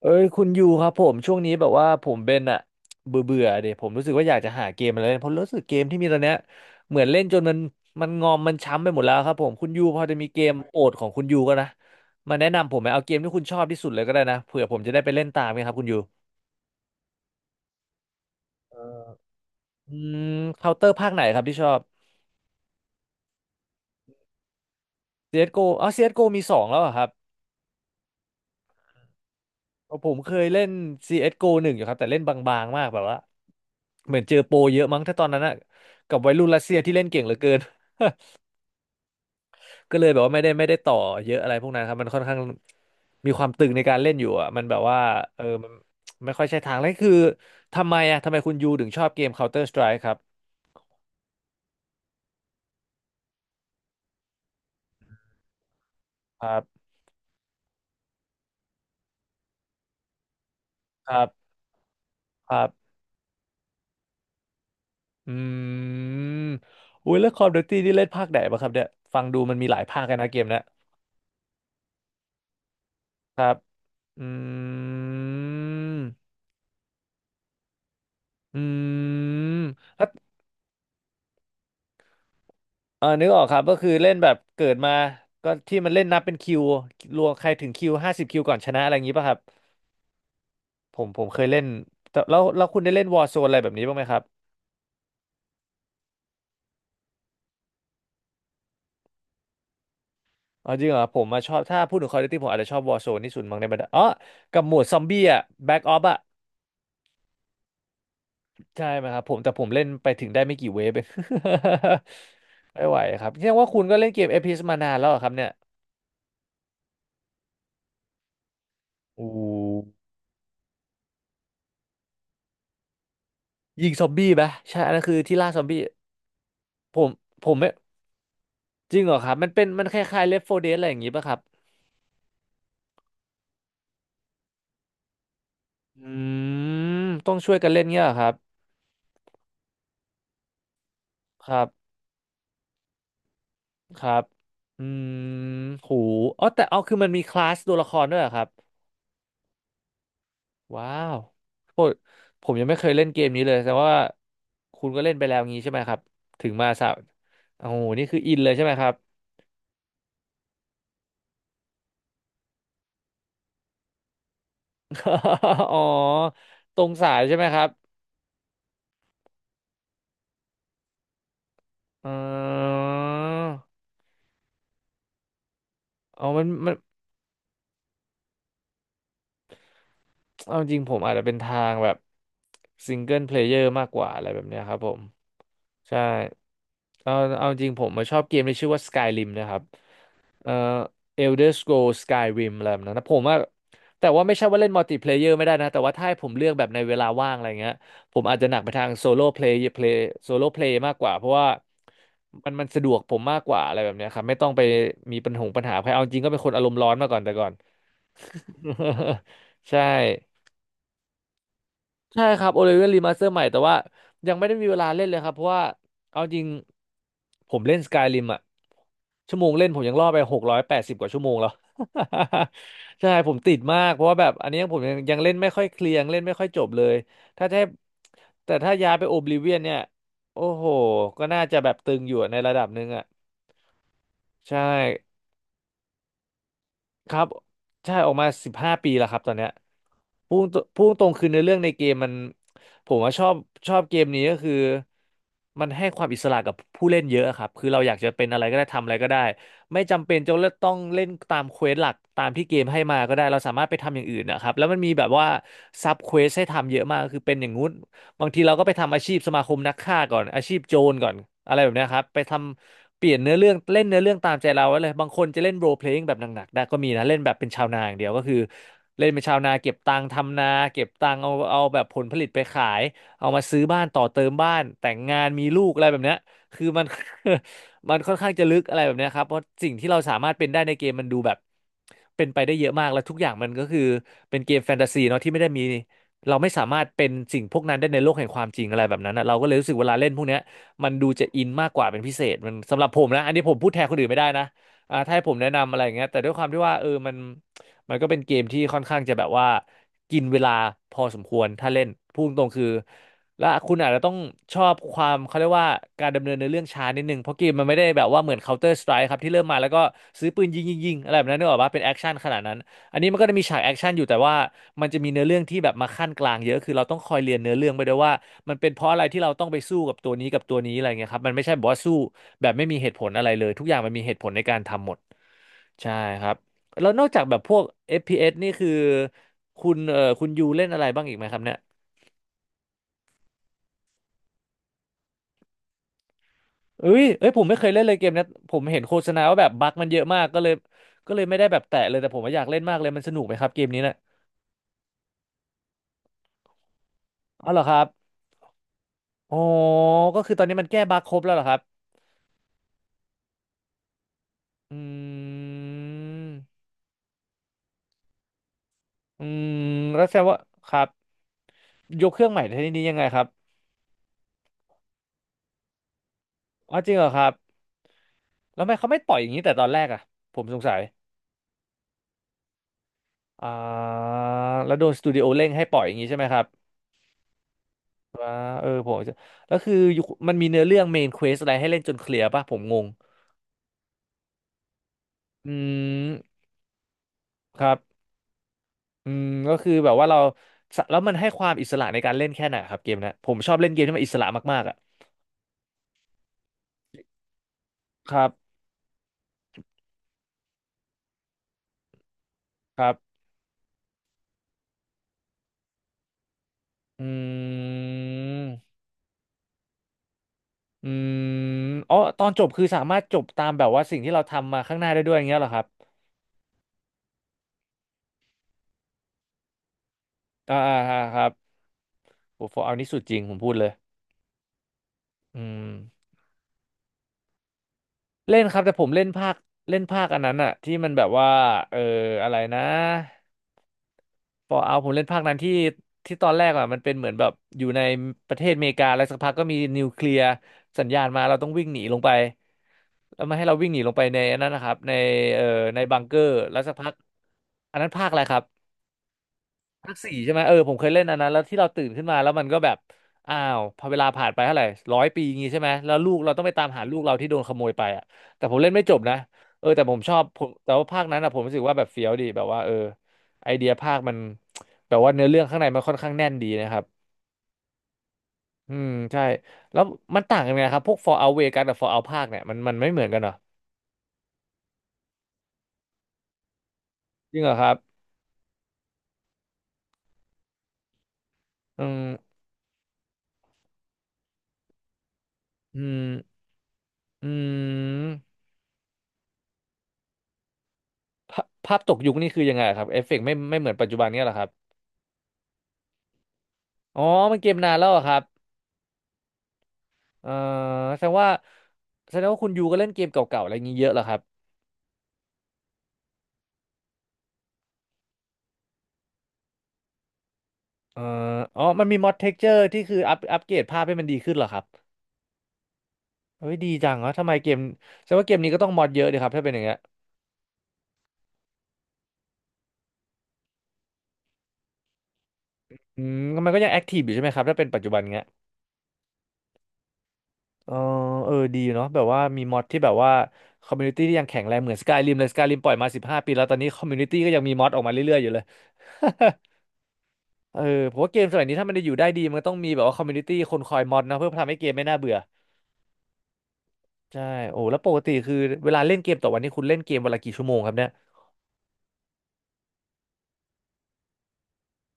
เอ้ยคุณยูครับผมช่วงนี้แบบว่าผมเป็นอะเบื่อเบื่อเดี๋ยผมรู้สึกว่าอยากจะหาเกมอะไรเล่นเพราะรู้สึกเกมที่มีตอนเนี้ยเหมือนเล่นจนมันงอมมันช้ำไปหมดแล้วครับผมคุณยูพอจะมีเกมโปรดของคุณยูก็นะมาแนะนำผมไหมเอาเกมที่คุณชอบที่สุดเลยก็ได้นะเผื่อผมจะได้ไปเล่นตามไงครับคุณยูเอออืมเคาน์เตอร์ภาคไหนครับที่ชอบ CSGO อสโกอ๋อ CSGO มีสองแล้วเหรอครับเพราะผมเคยเล่น CSGO หนึ่งอยู่ครับแต่เล่นบางๆมากแบบว่าเหมือนเจอโปรเยอะมั้งถ้าตอนนั้นอะกับวัยรุ่นรัสเซียที่เล่นเก่งเหลือเกิน ก็เลยแบบว่าไม่ได้ต่อเยอะอะไรพวกนั้นครับมันค่อนข้างมีความตึงในการเล่นอยู่อ่ะมันแบบว่าเออมันไม่ค่อยใช่ทางแล้วคือทำไมอ่ะทำไมคุณยูถึงชอบเกม Counter Strike ครับครับครับครับอืมอุ้ยแล้ว Call of Duty นี่เล่นภาคไหนบ้างครับเนี่ยฟังดูมันมีหลายภาคกันนะเกมเนะครับอืมอืมแล้วเออนึกออกครับก็คือเล่นแบบเกิดมาก็ที่มันเล่นนับเป็นคิวรวมใครถึงคิว50คิวก่อนชนะอะไรอย่างงี้ป่ะครับ ผมเคยเล่นแต่แล้วคุณได้เล่นวอ r z โซนอะไรแบบนี้บ้างไหมครับออจริงเหรอผมมาชอบถ้าพูดถึง Call of Duty ผมอาจจะชอบวอ r z โซนที่สุดมั้งในบรรดาอ๋อกับหมวดซอมบี้อะแบ็กออฟอะใช่ไหมครับผมแต่ผมเล่นไปถึงได้ไม่กี่เวฟเอง ไม่ไหวครับแสดงว่าคุณก็เล่นเกม FPS มานานแล้วเหรอครับเนี่ยโอ้ยิงซอมบี้ปะใช่อันนั้นคือที่ล่าซอมบี้ผมผมไม่จริงเหรอครับมันเป็นมันคล้ายๆ Left 4 Dead อะไรอย่างงี้ปะครับอืมต้องช่วยกันเล่นเงี้ยเหรอครับครับ ครับ อืมหูอ๋อแต่เอาคือมันมีคลาสตัวละครด้วยเหรอครับ ว้าวโหผมยังไม่เคยเล่นเกมนี้เลย แต่ว่าคุณก็เล่นไปแล้วงี้ใช่ไหมครับ ถึงมาสาวโอ้โหนี่คืออินเลยใช่ไหมครับ อ๋อ ตรงสายใช่ไหมครับเออเอามันเอาจริงผมอาจจะเป็นทางแบบซิงเกิลเพลเยอร์มากกว่าอะไรแบบเนี้ยครับผม ใช่เอาเอาจริงผมมาชอบเกมที่ชื่อว่า Skyrim นะครับ เอ่อ Elder Scrolls Skyrim อะไรแบบนั้นนะผมว่าแต่ว่าไม่ใช่ว่าเล่นมัลติเพลเยอร์ไม่ได้นะแต่ว่าถ้าให้ผมเลือกแบบในเวลาว่างอะไรเงี้ยผมอาจจะหนักไปทางโซโล่เพลย์โซโล่เพลย์มากกว่าเพราะว่ามันสะดวกผมมากกว่าอะไรแบบเนี้ยครับไม่ต้องไปมีปัญหาใครเอาจริงก็เป็นคนอารมณ์ร้อนมาก่อนแต่ก่อน ใช่ ใช่ครับโอเลเว n รีมาสเตอร์ใหม่แต่ว่ายังไม่ได้มีเวลาเล่นเลยครับเพราะว่าเอาจริงผมเล่นสกาย i ิมอะชั่วโมงเล่นผมยังล่อไป680กว่าชั่วโมงแล้ว ใช่ผมติดมากเพราะว่าแบบอันนี้ผมยังเล่นไม่ค่อยเคลียร์ยังเล่นไม่ค่อยจบเลยถ้าจะให้แต่ถ้าย้ายไปโอบลิเวียนเนี่ยโอ้โหก็น่าจะแบบตึงอยู่ในระดับหนึ่งอะใช่ ครับใช่ออกมา15ปีแล้วครับตอนเนี้ยพูดตรงคือใน้อเรื่องในเกมมันผมว่าชอบชอบเกมนี้ก็คือมันให้ความอิสระกับผู้เล่นเยอะครับคือเราอยากจะเป็นอะไรก็ได้ทำอะไรก็ได้ไม่จำเป็นจะต้องเล่นตามเควสหลักตามที่เกมให้มาก็ได้เราสามารถไปทำอย่างอื่นนะครับแล้วมันมีแบบว่าซับเควสให้ทำเยอะมากคือเป็นอย่างงู้นบางทีเราก็ไปทำอาชีพสมาคมนักฆ่าก่อนอาชีพโจรก่อนอะไรแบบเนี้ยครับไปทำ เปลี่ยนเนื้อเรื่องเล่นเนื้อเรื่องตามใจเราไว้เลยบางคนจะเล่นโรลเพล y i แบบหนักๆได้ก็มีนะเล่นแบบเป็นชาวนาอย่างเดียวก็คือเล่นเป็นชาวนาเก็บตังค์ทำนาเก็บตังค์เอาแบบผลผลิตไปขายเอามาซื้อบ้านต่อเติมบ้านแต่งงานมีลูกอะไรแบบเนี้ยคือมัน มันค่อนข้างจะลึกอะไรแบบเนี้ยครับเพราะสิ่งที่เราสามารถเป็นได้ในเกมมันดูแบบเป็นไปได้เยอะมากแล้วทุกอย่างมันก็คือเป็นเกมแฟนตาซีเนาะที่ไม่ได้มีเราไม่สามารถเป็นสิ่งพวกนั้นได้ในโลกแห่งความจริงอะไรแบบนั้นนะเราก็เลยรู้สึกเวลาเล่นพวกเนี้ย มันดูจะอินมากกว่าเป็นพิเศษมันสำหรับผมนะอันนี้ผมพูดแทนคนอื่นไม่ได้นะอ่าถ้าให้ผมแนะนำอะไรอย่างเงี้ยแต่ด้วยความที่ว่ามันก็เป็นเกมที่ค่อนข้างจะแบบว่ากินเวลาพอสมควรถ้าเล่นพูดตรงๆคือและคุณอาจจะต้องชอบความเขาเรียกว่าการดำเนินในอเรื่องช้านิดนึงเพราะเกมมันไม่ได้แบบว่าเหมือน Counter Strike ครับที่เริ่มมาแล้วก็ซื้อปืนยิงอะไรแบบนั้นนึกออกปะเป็นแอคชั่นขนาดนั้น อันนี้มันก็จะมีฉากแอคชั่นอยู่แต่ว่ามันจะมีเนื้อเรื่องที่แบบมาขั้นกลางเยอะคือเราต้องคอยเรียนเนื้อเรื่องไปด้วยว่ามันเป็นเพราะอะไรที่เราต้องไปสู้กับตัวนี้อะไรเงี้ยครับมันไม่ใช่บอกว่าสู้แบบไม่มีเหตุผลอะไรเลยทุกอย่างมันมีเหตุผลในการทำหมดใช่ครับแล้วนอกจากแบบพวก FPS นี่คือคุณคุณยูเล่นอะไรบ้างอีกไหมครับเนี่ยเอ้ยเอ้ยผมไม่เคยเล่นเลยเกมเนี้ยผมเห็นโฆษณาว่าแบบบั๊กมันเยอะมากก็เลยไม่ได้แบบแตะเลยแต่ผมว่าอยากเล่นมากเลยมันสนุกไหมครับเกมนี้เนี่ยอ๋อเหรอครับอ๋อก็คือตอนนี้มันแก้บั๊กครบแล้วเหรอครับ อืมอืมแล้วแสดงว่าครับยกเครื่องใหม่ในที่นี้ยังไงครับอ๋อจริงเหรอครับแล้วทำไมเขาไม่ปล่อยอย่างนี้แต่ตอนแรกอ่ะผมสงสัยอ่าแล้วโดนสตูดิโอเร่งให้ปล่อยอย่างนี้ใช่ไหมครับว่าเออผมจะแล้วคืออยู่มันมีเนื้อเรื่องเมนเควสอะไรให้เล่นจนเคลียร์ป่ะผมงงอืมครับอืมก็คือแบบว่าเราสะแล้วมันให้ความอิสระในการเล่นแค่ไหนครับเกมเนะผมชอบเล่นเกมที่มันอิสระมากๆอ่ะครับครับอืม อืมอ๋อตอนจบคือสามารถจบตามแบบว่าสิ่งที่เราทำมาข้างหน้าได้ด้วยอย่างเงี้ยเหรอครับอ่าอ่าอ่าครับโอ้โหเอานี่สุดจริงผมพูดเลยอืมเล่นครับแต่ผมเล่นภาคเล่นภาคอันนั้นอะที่มันแบบว่าเอออะไรนะ Fallout ผมเล่นภาคนั้นที่ตอนแรกอะมันเป็นเหมือนแบบอยู่ในประเทศอเมริกาแล้วสักพักก็มีนิวเคลียร์สัญญาณมาเราต้องวิ่งหนีลงไปแล้วมาให้เราวิ่งหนีลงไปในอันนั้นนะครับในเอ่อในบังเกอร์แล้วสักพักอันนั้นภาคอะไรครับ ภาค 4ใช่ไหมเออผมเคยเล่นอันนั้นแล้วที่เราตื่นขึ้นมาแล้วมันก็แบบอ้าวพอเวลาผ่านไปเท่าไหร่100 ปีงี้ใช่ไหมแล้วลูกเราต้องไปตามหาลูกเราที่โดนขโมยไปอ่ะแต่ผมเล่นไม่จบนะเออแต่ผมชอบผมแต่ว่าภาคนั้นอ่ะผมรู้สึกว่าแบบเฟี้ยวดีแบบว่าเออไอเดียภาคมันแบบว่าเนื้อเรื่องข้างในมันค่อนข้างแน่นดีนะครับอืมใช่แล้วมันต่างกันไงครับพวก For Out Vegas กับ For Out ภาคเนี่ยมันไม่เหมือนกันเหรอจริงเหรอครับอืมอืมอืมภาพตกยุคนี่คือยังไงครับเอฟเฟกต์ไม่เหมือนปัจจุบันเนี่ยเหรอครับ อ๋อ มันเกมนานแล้วเหรอครับเออแสดงว่าแสดงว่าคุณยูก็เล่นเกมเก่าๆอะไรอย่างนี้เยอะเหรอครับเอออ๋อ มันมีMOD เท็กเจอร์ที่คืออัพอัปเกรดภาพให้มันดีขึ้นเหรอครับเฮ้ยดีจังวะทำไมเกมแสดงว่าเกมนี้ก็ต้องมอดเยอะดีครับถ้าเป็นอย่างเงี้ยอืมมันก็ยังแอคทีฟอยู่ใช่ไหมครับถ้าเป็นปัจจุบันเงี้ยเออเออ ดีเนาะแบบว่ามีมอดที่แบบว่าคอมมูนิตี้ที่ยังแข็งแรงเหมือนสกายริมเลยสกายริมปล่อยมา15 ปีแล้วตอนนี้คอมมูนิตี้ก็ยังมีมอดออกมาเรื่อยๆอยู่เลย เออผมว่าเกมสมัยนี้ถ้ามันจะอยู่ได้ดีมันก็ต้องมีแบบว่าคอมมูนิตี้คนคอยมอดนะเพื่อทำให้เกมไม่น่าเบื่อ ใช่โอ้แล้วปกติคือเวลาเล่นเกมต่อวันนี้คุณเล่นเกมวันละกี่ชั่วโมงครับเนี่ย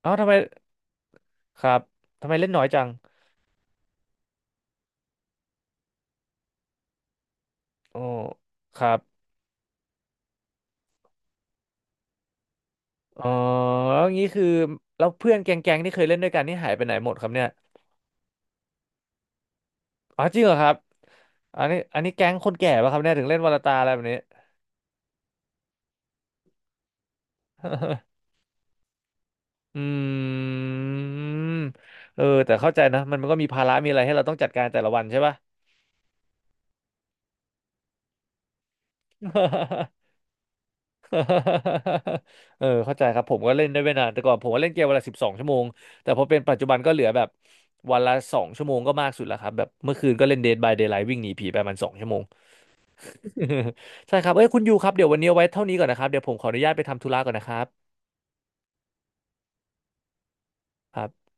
เอ้าทำไมครับทำไมเล่นน้อยจังโอ้ครับอ๋อแล้วงี้คือแล้วเพื่อนแก๊งๆที่เคยเล่นด้วยกันนี่หายไปไหนหมดครับเนี่ยอ๋อจริงเหรอครับอันนี้แก๊งคนแก่ป่ะครับเนี่ยถึงเล่นวันละตาอะไรแบบนี้ อืมเออแต่เข้าใจนะมันก็มีภาระมีอะไรให้เราต้องจัดการแต่ละวันใช่ป่ะ เออเข้าใจครับผมก็เล่นได้ไม่นานแต่ก่อนผมก็เล่นเกมวันละ12 ชั่วโมงแต่พอเป็นปัจจุบันก็เหลือแบบวันละสองชั่วโมงก็มากสุดแล้วครับแบบเมื่อคืนก็เล่น Dead by Daylight วิ่งหนีผีไปมัน2 ชั่วโมง ใช่ครับเอ้ยคุณยูครับเดี๋ยววันนี้เอาไว้เท่านี้ก่อนนะครับเดี๋ยวผมขออนุญาตไปทำธุระก่อนนะครับครับ